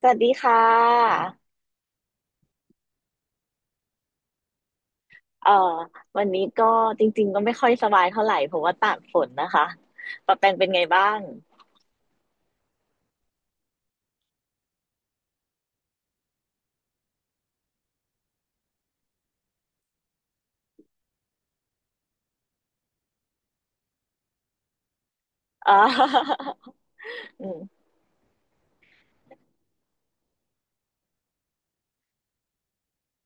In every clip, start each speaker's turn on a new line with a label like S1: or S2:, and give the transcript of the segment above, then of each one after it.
S1: สวัสดีค่ะเอ่อวันนี้ก็จริงๆก็ไม่ค่อยสบายเท่าไหร่เพราะว่าตากฝนนะคะปะแปงเป็นไงบ้างเอ่อ อืม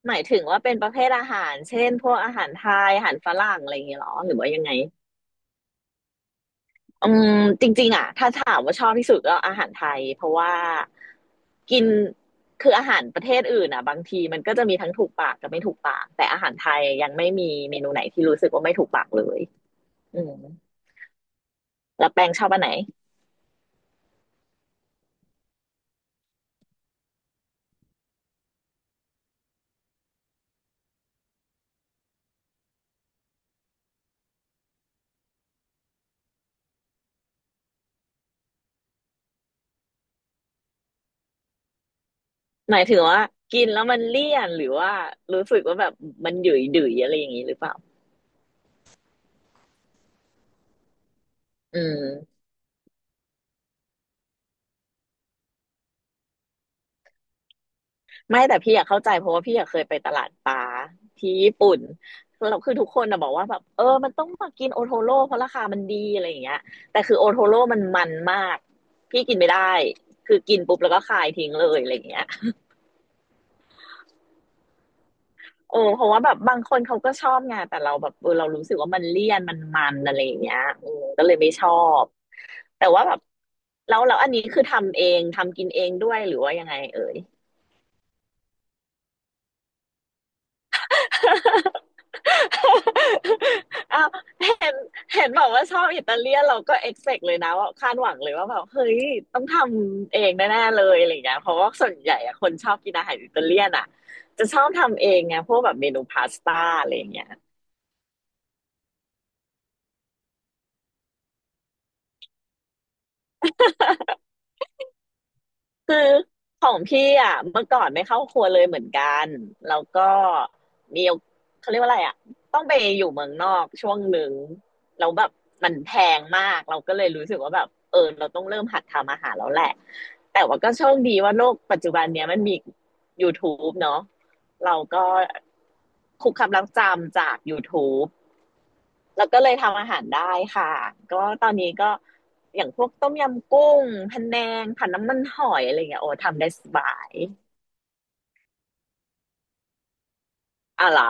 S1: หมายถึงว่าเป็นประเภทอาหารเช่นพวกอาหารไทยอาหารฝรั่งอะไรอย่างเงี้ยเหรอหรือว่ายังไงอืมจริงๆอ่ะถ้าถามว่าชอบที่สุดก็อาหารไทยเพราะว่ากินคืออาหารประเทศอื่นอ่ะบางทีมันก็จะมีทั้งถูกปากกับไม่ถูกปากแต่อาหารไทยยังไม่มีเมนูไหนที่รู้สึกว่าไม่ถูกปากเลยอืมแล้วแปงชอบอันไหน หมายถึงว่ากินแล้วมันเลี่ยนหรือว่ารู้สึกว่าแบบมันหยุยดุยๆอะไรอย่างนี้หรือเปล่าอืมไม่แต่พี่อยากเข้าใจเพราะว่าพี่อยากเคยไปตลาดปลาที่ญี่ปุ่นเราคือทุกคนนะบอกว่าแบบเออมันต้องมากินโอโทโร่เพราะราคามันดีอะไรอย่างเงี้ยแต่คือโอโทโร่มันมากพี่กินไม่ได้คือกินปุ๊บแล้วก็คายทิ้งเลยอะไรอย่างเงี้ย เออเพราะว่าแบบบางคนเขาก็ชอบไงแต่เราแบบเออเรารู้สึกว่ามันเลี่ยนมันอะไรอย่างเงี้ยอืมก็เลยไม่ชอบแต่ว่าแบบแล้วอันนี้คือทำเองทำกินเองด้วยหรือว่ายังไงเอ่ย อ้าวเห็นเห็นบอกว่าชอบอิตาเลียนเราก็เอ็กเซกเลยนะว่าคาดหวังเลยว่าแบบเฮ้ยต้องทำเองแน่ๆเลยอะไรอย่างเงี้ยเพราะว่าส่วนใหญ่อะคนชอบกินอาหารอิตาเลียนอะจะชอบทำเองไงพวกแบบเมนูพาสต้าอะไรอย่างเงี้ย คือของพี่อ่ะเมื่อก่อนไม่เข้าครัวเลยเหมือนกันแล้วก็มีเขาเรียกว่าอะไรอ่ะต้องไปอยู่เมืองนอกช่วงหนึ่งแล้วแบบมันแพงมากเราก็เลยรู้สึกว่าแบบเออเราต้องเริ่มหัดทำอาหารแล้วแหละแต่ว่าก็โชคดีว่าโลกปัจจุบันเนี้ยมันมี YouTube เนาะเราก็คุกคำลักจำจาก YouTube แล้วก็เลยทำอาหารได้ค่ะ ก็ตอนนี้ก็อย่างพวกต้มยำกุ้งพะแนงผัดน้ำมันหอยอะไรอย่างเงี้ยโอ้ทำได้สบายอ่ะเหรอ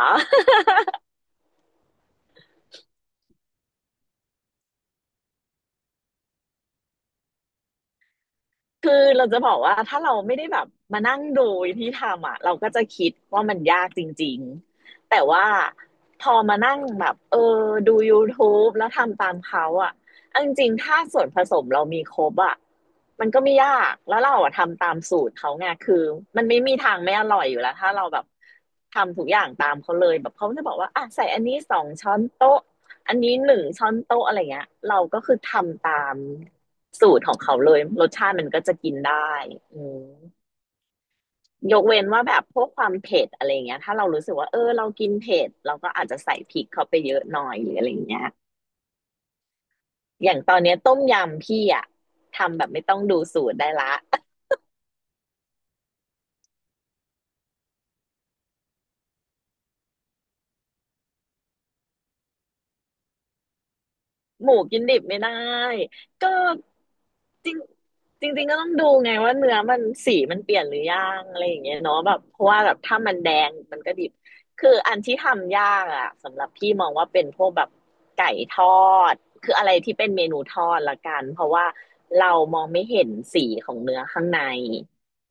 S1: คือเราจะบอกว่าถ้าเราไม่ได้แบบมานั่งดูที่ทำอ่ะเราก็จะคิดว่ามันยากจริงๆแต่ว่าพอมานั่งแบบเออดู YouTube แล้วทำตามเขาอ่ะาจริงๆถ้าส่วนผสมเรามีครบอ่ะมันก็ไม่ยากแล้วเราอะทำตามสูตรเขาไงคือมันไม่มีทางไม่อร่อยอยู่แล้วถ้าเราแบบทำทุกอย่างตามเขาเลยแบบเขาจะบอกว่าอ่ะใส่อันนี้2 ช้อนโต๊ะ อันนี้1 ช้อนโต๊ะอะไรเงี้ยเราก็คือทำตามสูตรของเขาเลยรสชาติมันก็จะกินได้อืมยกเว้นว่าแบบพวกความเผ็ดอะไรเงี้ยถ้าเรารู้สึกว่าเออเรากินเผ็ดเราก็อาจจะใส่พริกเข้าไปเยอะหน่อยหรืออะไรเงี้ยอย่างตอนเนี้ยต้มยำพี่อะทำแบบไม่ต้องดูสูตรได้ละ หมูกินดิบไม่ได้ก็จริงจริงๆก็ต้องดูไงว่าเนื้อมันสีมันเปลี่ยนหรือยังอะไรอย่างเงี้ยเนาะแบบเพราะว่าแบบถ้ามันแดงมันก็ดิบคืออันที่ทำยากอะสำหรับพี่มองว่าเป็นพวกแบบไก่ทอดคืออะไรที่เป็นเมนูทอดละกันเพราะว่าเรามองไม่เห็นสีของเนื้อข้างใน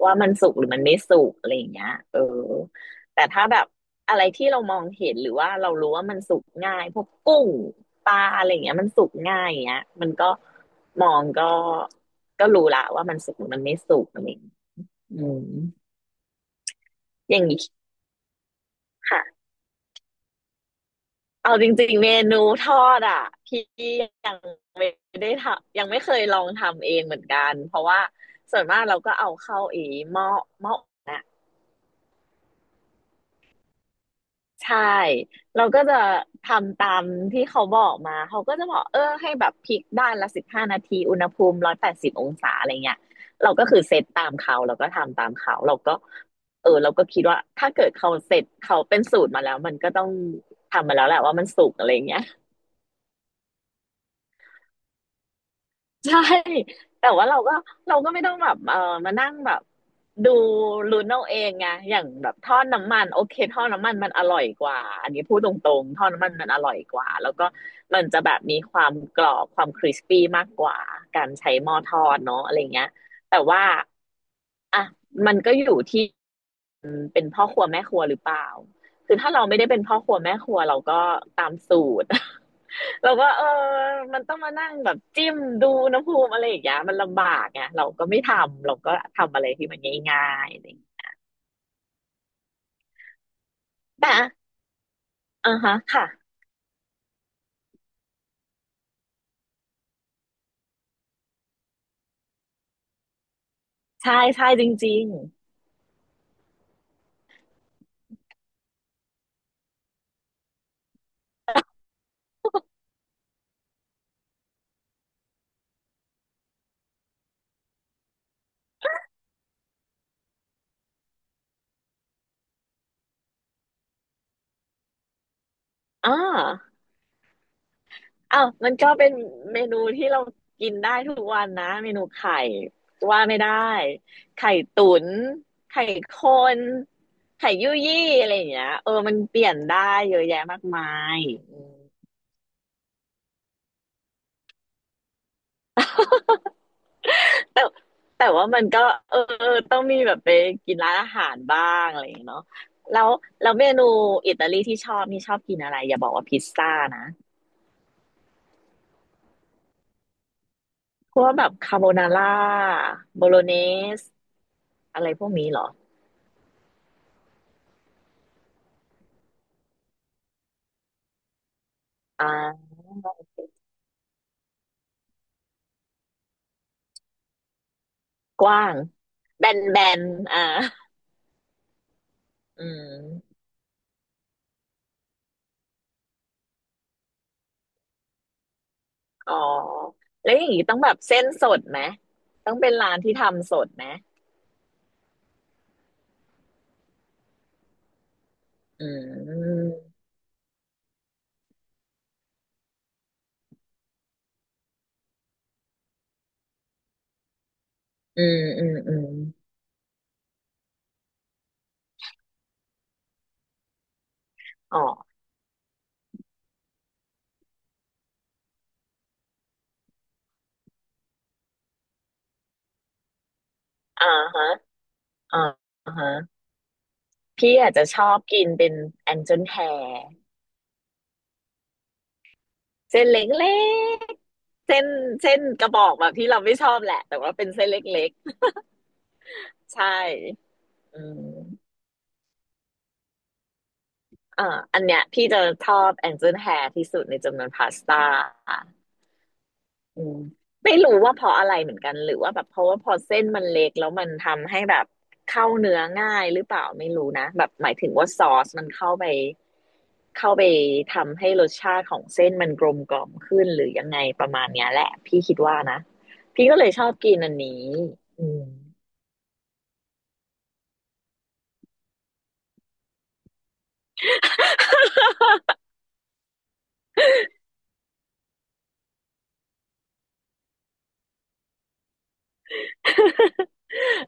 S1: ว่ามันสุกหรือมันไม่สุกอะไรอย่างเงี้ยเออ แต่ถ้าแบบอะไรที่เรามองเห็นหรือว่าเรารู้ว่ามันสุกง่ายพวกกุ้งปลาอะไรอย่างเงี้ยมันสุกง่ายอย่างเงี้ยมันก็มองก็รู้ละว่ามันสุกหรือมันไม่สุกอะไรอย่างเงี้ยอืมอย่างนี้ค่ะเอาจริงๆเมนูทอดอ่ะพี่ยังไม่ได้ทำยังไม่เคยลองทำเองเหมือนกันเพราะว่าส่วนมากเราก็เอาเข้าไอีหม้อหม้อ ใช่เราก็จะทำตามที่เขาบอกมาเขาก็จะบอกเออให้แบบพลิกด้านละ15 นาทีอุณหภูมิ180 องศาอะไรเงี้ยเราก็คือเซตตามเขาเราก็ทำตามเขาเราก็เออเราก็คิดว่าถ้าเกิดเขาเสร็จเขาเป็นสูตรมาแล้วมันก็ต้องทำมาแล้วแหละว่ามันสุกอะไรเงี้ย ใช่แต่ว่าเราก็ไม่ต้องแบบมานั่งแบบดูลุ้นเอาเองไงอย่างแบบทอดน้ำมันโอเคทอดน้ำมันมันอร่อยกว่าอันนี้พูดตรงๆทอดน้ำมันมันอร่อยกว่าแล้วก็มันจะแบบมีความกรอบความคริสปี้มากกว่าการใช้หม้อทอดเนาะอะไรเงี้ยแต่ว่าอ่ะมันก็อยู่ที่เป็นพ่อครัวแม่ครัวหรือเปล่าคือถ้าเราไม่ได้เป็นพ่อครัวแม่ครัวเราก็ตามสูตร เราก็มันต้องมานั่งแบบจิ้มดูอุณหภูมิอะไรอย่างเงี้ยมันลำบากไงเราก็ไม่ทำเราก็ทำอะไรที่มันง่ายๆอะไรอย่างเงี้ยแต่อ่าฮะค่ะใช่ใช่จริงๆอ่าอ้าวมันก็เป็นเมนูที่เรากินได้ทุกวันนะ เมนูไข่ว่าไม่ได้ไข่ตุ๋นไข่คนไข่ยุ่ยยี่อะไรอย่างเงี้ยมันเปลี่ยนได้เยอะแยะมากมายอืม แต่แต่ว่ามันก็เออต้องมีแบบไปกินร้านอาหารบ้างอะไรอย่างเงี้ยเนาะแล้วแล้วเมนูอิตาลีที่ชอบนี่ชอบกินอะไรอย่าบอกว่าพิซซ่านะพวกแบบคาโบนาร่าโบโลเนสอะไรพวกนี้เหรออ่ากว้างแบนแบนอ่าอืมอ๋อแล้วอย่างนี้ต้องแบบเส้นสดไหมต้องเป็นร้านที่ทำสดไหมอืมอืมอืมอืมอ๋ออ่าฮะอ่าฮะ พี่อาจจะชอบกินเป็นแองเจิลแฮร์เส้นเล็กๆเส้นกระบอกแบบที่เราไม่ชอบแหละแต่ว่าเป็นเส้นเล็กๆใช่อืมอ่าอันเนี้ยพี่จะชอบแองเจิลแฮร์ที่สุดในจำนวนพาสต้า อืมไม่รู้ว่าเพราะอะไรเหมือนกันหรือว่าแบบเพราะว่าพอเส้นมันเล็กแล้วมันทำให้แบบเข้าเนื้อง่ายหรือเปล่าไม่รู้นะแบบหมายถึงว่าซอสมันเข้าไปทำให้รสชาติของเส้นมันกลมกล่อมขึ้นหรือยังไงประมาณเนี้ยแหละพี่คิดว่านะพี่ก็เลยชอบกินอันนี้อืม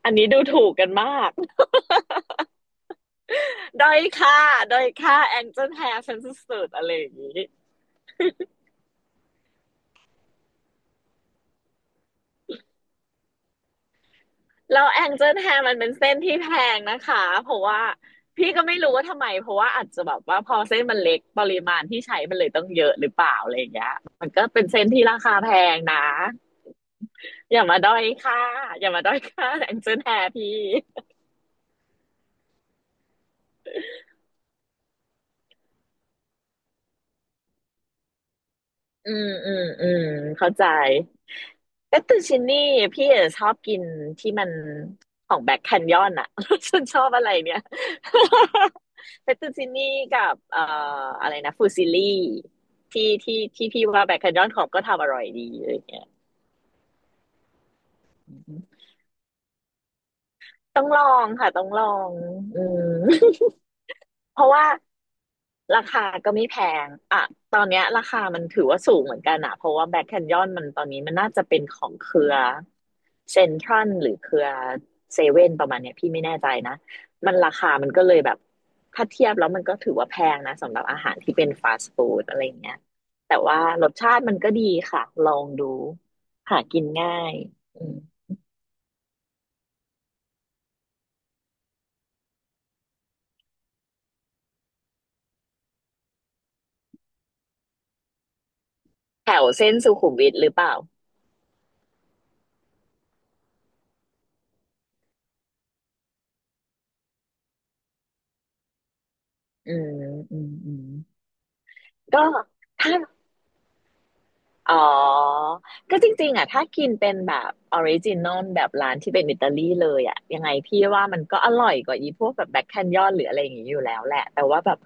S1: อันนี้ดูถูกกันมากด้อยค่าด้อยค่าแองเจิลแฮร์ฉันสุดๆอะไรอย่างนี้ แล้วแองเจิลแฮร์มันเป็นเส้นที่แพงนะคะเพราะว่าพี่ก็ไม่รู้ว่าทำไมเพราะว่าอาจจะแบบว่าพอเส้นมันเล็กปริมาณที่ใช้มันเลยต้องเยอะหรือเปล่าอะไรอย่างเงี้ยมันก็เป็นเส้นที่ราคาแพงนะอย่ามาด้อยค่าอย่ามาด้อยค่าแองเจิลแฮร์พี่ อืมอืมอืมเข้าใจก็ตตูชินี่พี่อะชอบกินที่มันของแบ็คแคนยอนอะ ฉันชอบอะไรเนี่ย เปตตูชินี่กับอะไรนะฟูซิลี่ที่พี่ว่าแบ็คแคนยอนของก็ทำอร่อยดีอะไรเงี้ยต้องลองค่ะต้องลองอืม เพราะว่าราคาก็ไม่แพงอ่ะตอนเนี้ยราคามันถือว่าสูงเหมือนกันอะเพราะว่าแบ็คแคนยอนมันตอนนี้มันน่าจะเป็นของเครือเซ็นทรัลหรือเครือเซเว่นประมาณเนี้ยพี่ไม่แน่ใจนะมันราคามันก็เลยแบบถ้าเทียบแล้วมันก็ถือว่าแพงนะสำหรับอาหารที่เป็นฟาสต์ฟู้ดอะไรอย่างเงี้ยแต่ว่ารสชาติมันก็ดีค่ะลองดูหากินง่ายอืมแถวเส้นสุขุมวิทหรือเปล่าอืมอืมอืมก็ถ้า อ๋อก็จริงๆอ่ะถ้ากินเป็นแบบออริจินอลแบบร้านที่เป็นอิตาลีเลยอ่ะยังไงพี่ว่ามันก็อร่อยกว่าอีพวกแบบแบ็คแคนยอนหรืออะไรอย่างงี้อยู่แล้วแหละแต่ว่าแบบ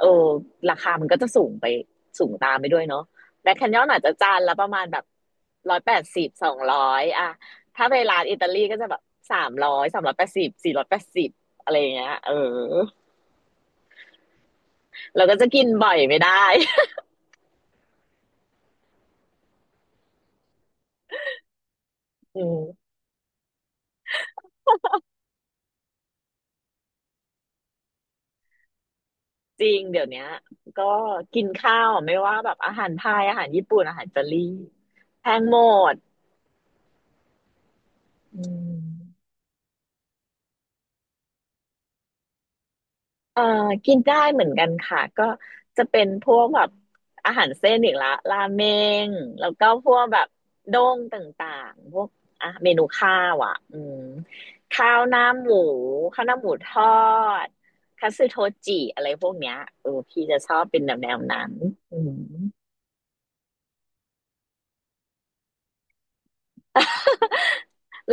S1: เออราคามันก็จะสูงไปสูงตามไปด้วยเนาะแบ็คแคนยอนอาจจะจานละประมาณแบบร้อยแปดสิบ200อะถ้าไปร้านอิตาลีก็จะแบบสามร้อย380480อะไรอย่างเงี้ยเราก็จะกินบ่อยไม่ได้ อืม จริงเดี๋ยวเนี้ยก็กินข้าวไม่ว่าแบบอาหารไทยอาหารญี่ปุ่นอาหารอิตาลีแพงหมดอืมเอ่อกินได้เหมือนกันค่ะก็จะเป็นพวกแบบอาหารเส้นอีกละราเมงแล้วก็พวกแบบโด้งต่างๆพวกอ่ะเมนูข้าวอ่ะอืมข้าวหน้าหมูข้าวหน้าหมูทอดคัตสึโทจิอะไรพวกเนี้ยพี่จะชอบเป็นแนวนั้นอืม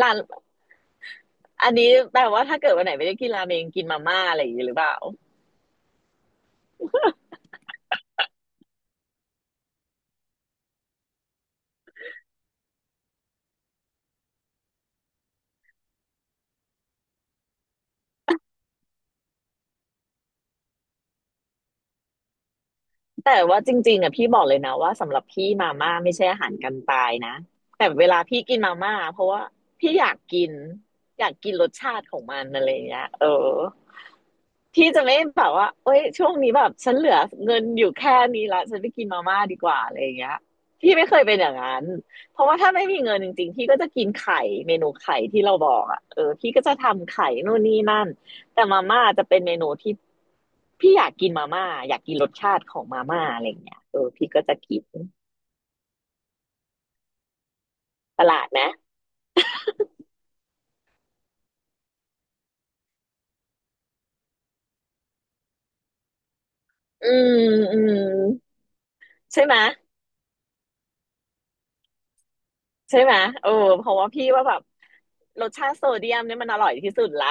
S1: ร้าน อันนี้แปลว่าถ้าเกิดวันไหนไม่ได้กินราเมงกินมาม่าอะไรอย่างนี้หรือเปล่าแต่ว่าจริงๆอ่ะพี่บอกเลยนะว่าสำหรับพี่มาม่าไม่ใช่อาหารกันตายนะแต่เวลาพี่กินมาม่าเพราะว่าพี่อยากกินอยากกินรสชาติของมันอะไรอย่างเงี้ยพี่จะไม่แบบว่าเอ้ยช่วงนี้แบบฉันเหลือเงินอยู่แค่นี้ละฉันไปกินมาม่าดีกว่าอะไรอย่างเงี้ยพี่ไม่เคยเป็นอย่างนั้นเพราะว่าถ้าไม่มีเงินจริงๆพี่ก็จะกินไข่เมนูไข่ที่เราบอกอ่ะพี่ก็จะทำไข่นู่นนี่นั่นแต่มาม่าจะเป็นเมนูที่พี่อยากกินมาม่าอยากกินรสชาติของมาม่าอะไรอย่างเงี้ยพี่ก็จะกินประหลาดไหมอืมอืมใช่ไหมใช่ไหมเออเพราะว่าพี่ว่าแบบรสชาติโซเดียมเนี่ยมันอร่อยที่สุดละ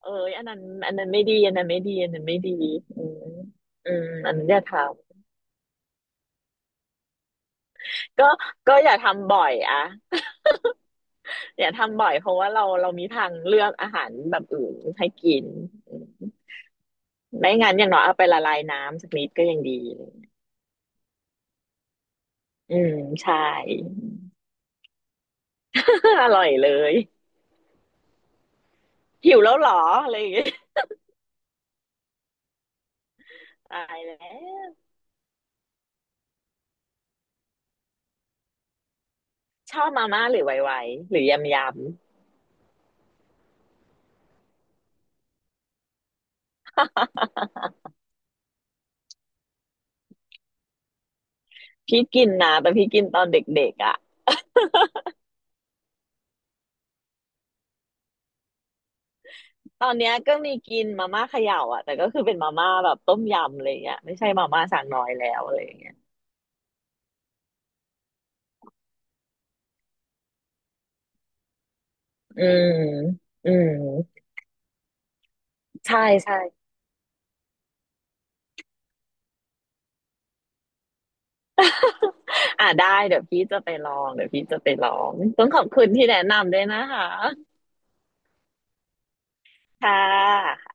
S1: เอ้ยอันนั้นไม่ดีอันนั้นไม่ดีอันนั้นไม่ดีอืมอืมอันนั้นอย่าทำ ก็อย่าทำบ่อยอะอย่าทำบ่อยเพราะว่าเรามีทางเลือกอาหารแบบอื่นให้กินอืมไม่งั้นอย่างน้อยเอาไปละลายน้ำสักนิดก็ยังดีอะไรอย่างเงี้ยอืมใช่ อร่อยเลยหิวแล้วเหรออะไรอย่างเงี้ยตายแล้วชอบมาม่าหรือไวไวหรือยำยำพี่กินนะแต่พี่กินตอนเด็กๆอ่ะ ตอนเนี้ยก็มีกินมาม่าเขย่าอ่ะแต่ก็คือเป็นมาม่าแบบต้มยำอะไรเงี้ยไม่ใช่มาม่าสั่งน้อยแล้วอะไรเงี้ยอืมอืมใช่ใช่ อ่ะได้เดี๋ยวพี่จะไปลองเดี๋ยวพี่จะไปลองต้องขอบคุณที่แนะนำด้วยนะคะค่ะ